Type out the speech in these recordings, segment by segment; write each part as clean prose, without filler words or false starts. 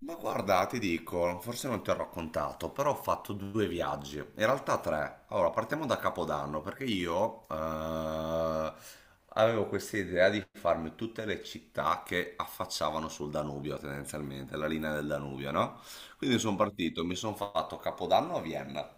Ma guarda, ti dico, forse non ti ho raccontato, però ho fatto due viaggi, in realtà tre. Allora, partiamo da Capodanno, perché io avevo questa idea di farmi tutte le città che affacciavano sul Danubio, tendenzialmente, la linea del Danubio, no? Quindi sono partito, mi sono fatto Capodanno a Vienna,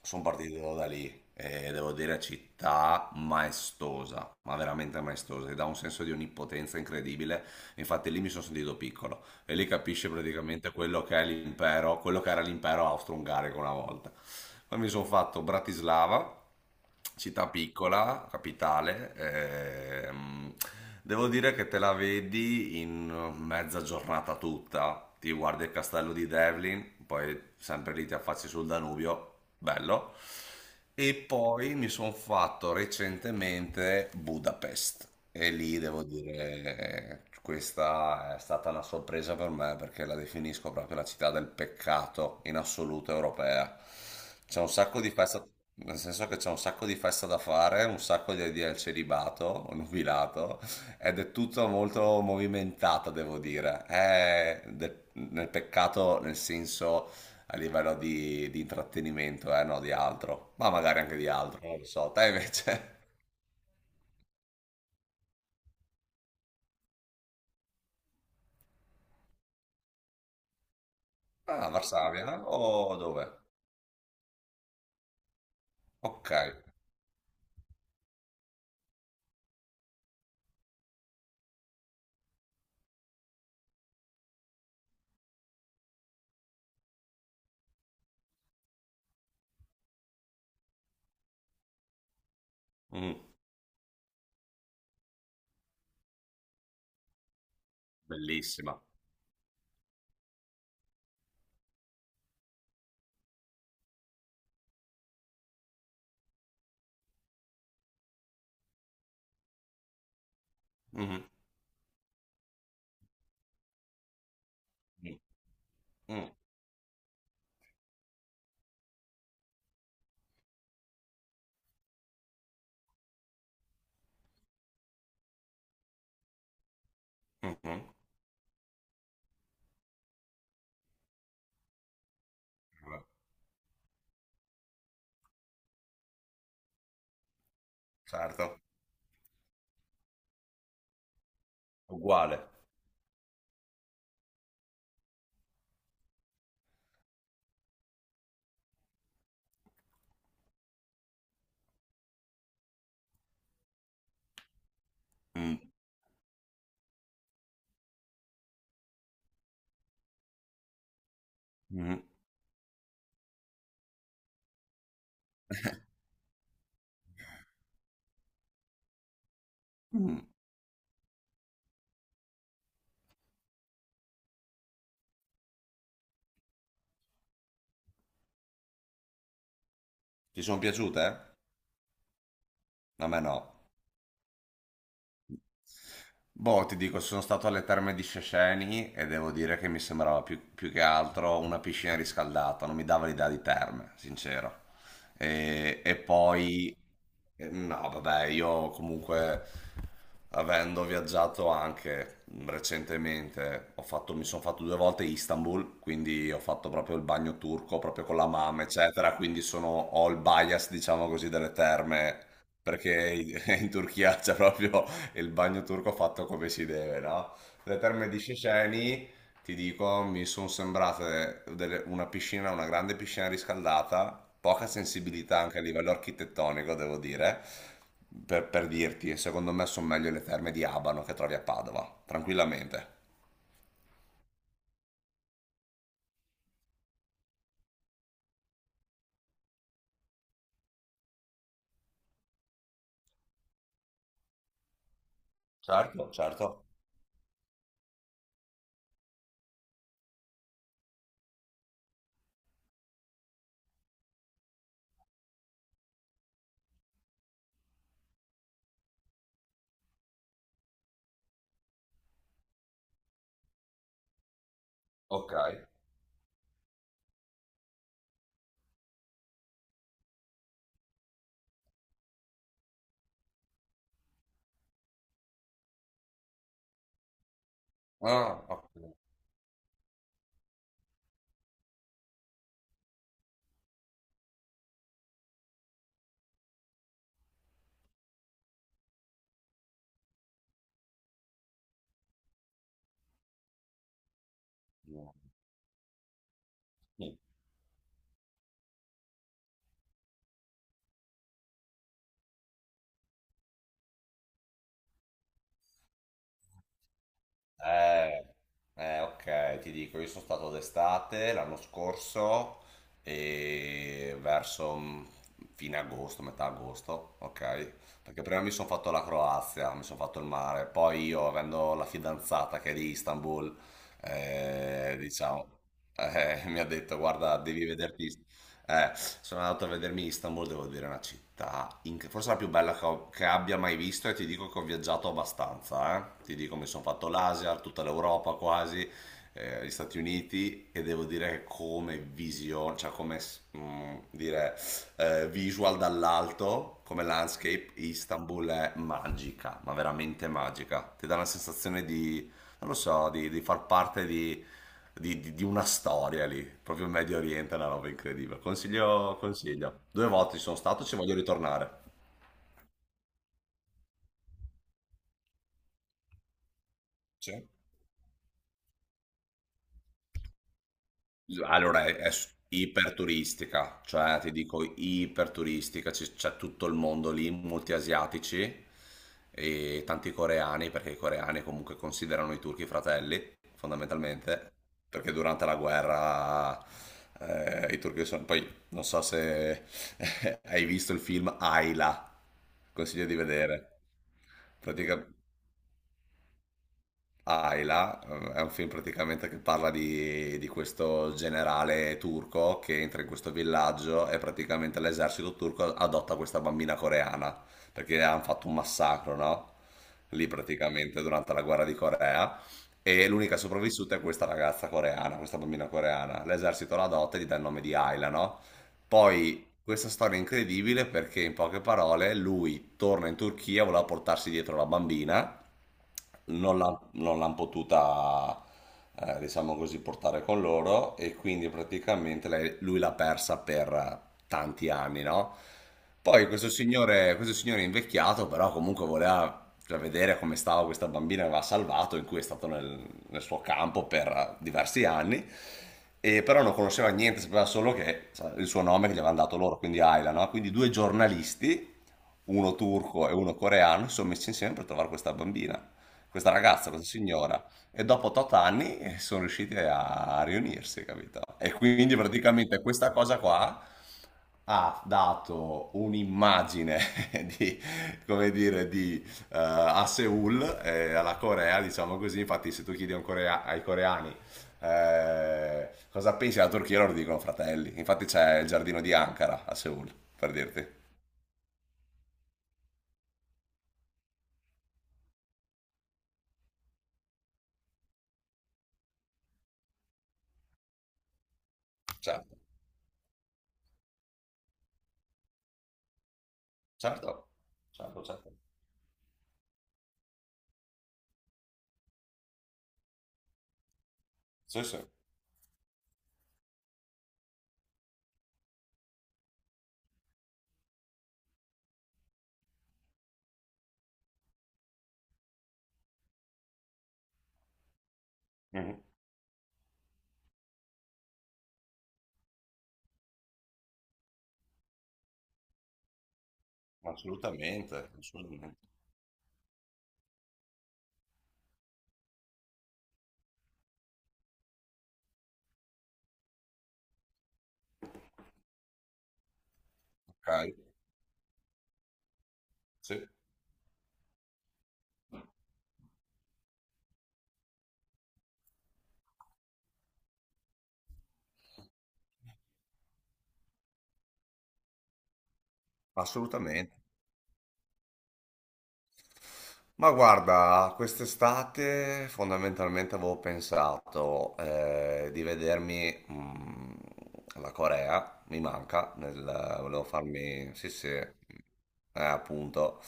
sono partito da lì e devo dire città maestosa, ma veramente maestosa, che dà un senso di onnipotenza incredibile, infatti lì mi sono sentito piccolo e lì capisce praticamente quello che è l'impero, quello che era l'impero austro-ungarico una volta. Poi mi sono fatto Bratislava, città piccola, capitale. ehm, Devo dire che te la vedi in mezza giornata tutta. Ti guardi il castello di Devlin, poi sempre lì ti affacci sul Danubio, bello. E poi mi sono fatto recentemente Budapest e lì devo dire questa è stata una sorpresa per me perché la definisco proprio la città del peccato in assoluto europea. C'è un sacco di festa, nel senso che c'è un sacco di festa da fare, un sacco di idee al celibato, o nubilato, ed è tutto molto movimentata, devo dire. È nel peccato nel senso a livello di intrattenimento, no, di altro, ma magari anche di altro, non lo so. Te invece? Ah, Varsavia, eh? O dove? Ok. Mm, bellissima. Mhm, mm, mm, mhm. Certo, uguale. Mm, mhm, mm. Ti sono piaciute, eh? A me no. Boh, ti dico, sono stato alle terme di Sceceni e devo dire che mi sembrava più, più che altro una piscina riscaldata, non mi dava l'idea di terme, sincero. E poi, no, vabbè, io comunque, avendo viaggiato anche recentemente, mi sono fatto due volte Istanbul, quindi ho fatto proprio il bagno turco, proprio con la mamma, eccetera, quindi sono, ho il bias, diciamo così, delle terme, perché in in Turchia c'è proprio e il bagno turco fatto come si deve, no? Le terme di Ceceni, ti dico, mi sono sembrate una piscina, una grande piscina riscaldata, poca sensibilità anche a livello architettonico, devo dire, per dirti, e secondo me sono meglio le terme di Abano che trovi a Padova, tranquillamente. Certo, certo. Ok. Ah, ok. Eh, ok, ti dico, io sono stato d'estate l'anno scorso e verso fine agosto, metà agosto, ok? Perché prima mi sono fatto la Croazia, mi sono fatto il mare, poi io, avendo la fidanzata che è di Istanbul, diciamo, mi ha detto, guarda, devi vederti eh, sono andato a vedermi Istanbul, devo dire, è una città, forse la più bella che, che abbia mai visto e ti dico che ho viaggiato abbastanza, eh. Ti dico, mi sono fatto l'Asia, tutta l'Europa quasi, gli Stati Uniti e devo dire che come visione, cioè come dire, visual dall'alto, come landscape, Istanbul è magica, ma veramente magica. Ti dà una sensazione di non lo so, di far parte di una storia lì, proprio in Medio Oriente è una roba incredibile. Consiglio, consiglio. Due volte ci sono stato, ci voglio ritornare. Sì. Allora, iperturistica, cioè ti dico iperturistica, c'è tutto il mondo lì, molti asiatici e tanti coreani, perché i coreani comunque considerano i turchi fratelli, fondamentalmente, perché durante la guerra i turchi sono... Poi non so se hai visto il film Ayla, consiglio di vedere. Pratica- Ayla, è un film praticamente che parla di questo generale turco che entra in questo villaggio e praticamente l'esercito turco adotta questa bambina coreana perché hanno fatto un massacro, no? Lì praticamente durante la guerra di Corea e l'unica sopravvissuta è questa ragazza coreana, questa bambina coreana. L'esercito la adotta e gli dà il nome di Ayla, no? Poi questa storia è incredibile perché in poche parole lui torna in Turchia, voleva portarsi dietro la bambina non l'hanno potuta, diciamo così, portare con loro e quindi praticamente lui l'ha persa per tanti anni, no? Poi questo signore invecchiato, però comunque voleva cioè, vedere come stava questa bambina che aveva salvato, in cui è stato nel suo campo per diversi anni, e però non conosceva niente, sapeva solo che sa, il suo nome che gli avevano dato loro, quindi Ayla, no? Quindi due giornalisti, uno turco e uno coreano, si sono messi insieme per trovare questa ragazza, questa signora, e dopo tot anni sono riusciti a riunirsi, capito? E quindi praticamente questa cosa qua ha dato un'immagine di, come dire, di, a Seoul e alla Corea, diciamo così, infatti se tu chiedi a ai coreani cosa pensi della Turchia, loro dicono fratelli, infatti c'è il giardino di Ankara a Seoul, per dirti. Certo, certo, certo, certo. Sì, sì. Mhm. Assolutamente, assolutamente. Okay, sì, assolutamente. Ma guarda, quest'estate fondamentalmente avevo pensato di vedermi la Corea, mi manca, volevo farmi, sì sì, appunto,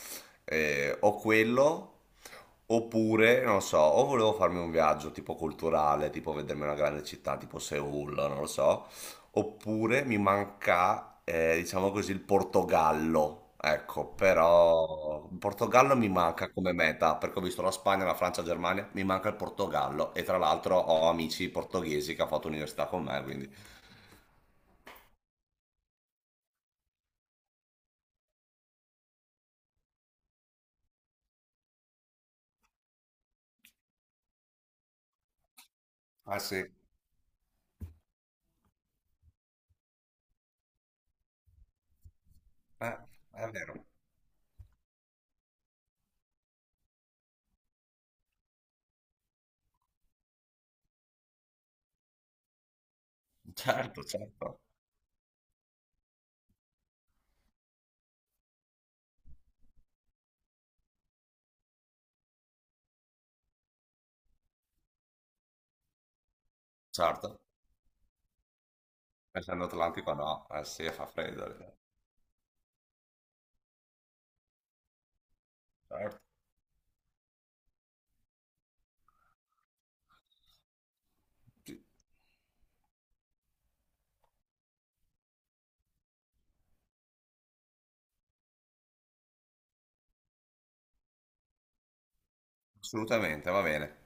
o quello, oppure, non lo so, o volevo farmi un viaggio tipo culturale, tipo vedermi una grande città tipo Seoul, non lo so, oppure mi manca, diciamo così, il Portogallo. Ecco, però il Portogallo mi manca come meta, perché ho visto la Spagna, la Francia, la Germania, mi manca il Portogallo. E tra l'altro ho amici portoghesi che hanno fatto università con me, quindi... Ah sì, è vero. Certo, certo, certo. Essendo Atlantico no, eh sì, fa freddo. Certo, sì, assolutamente, va bene.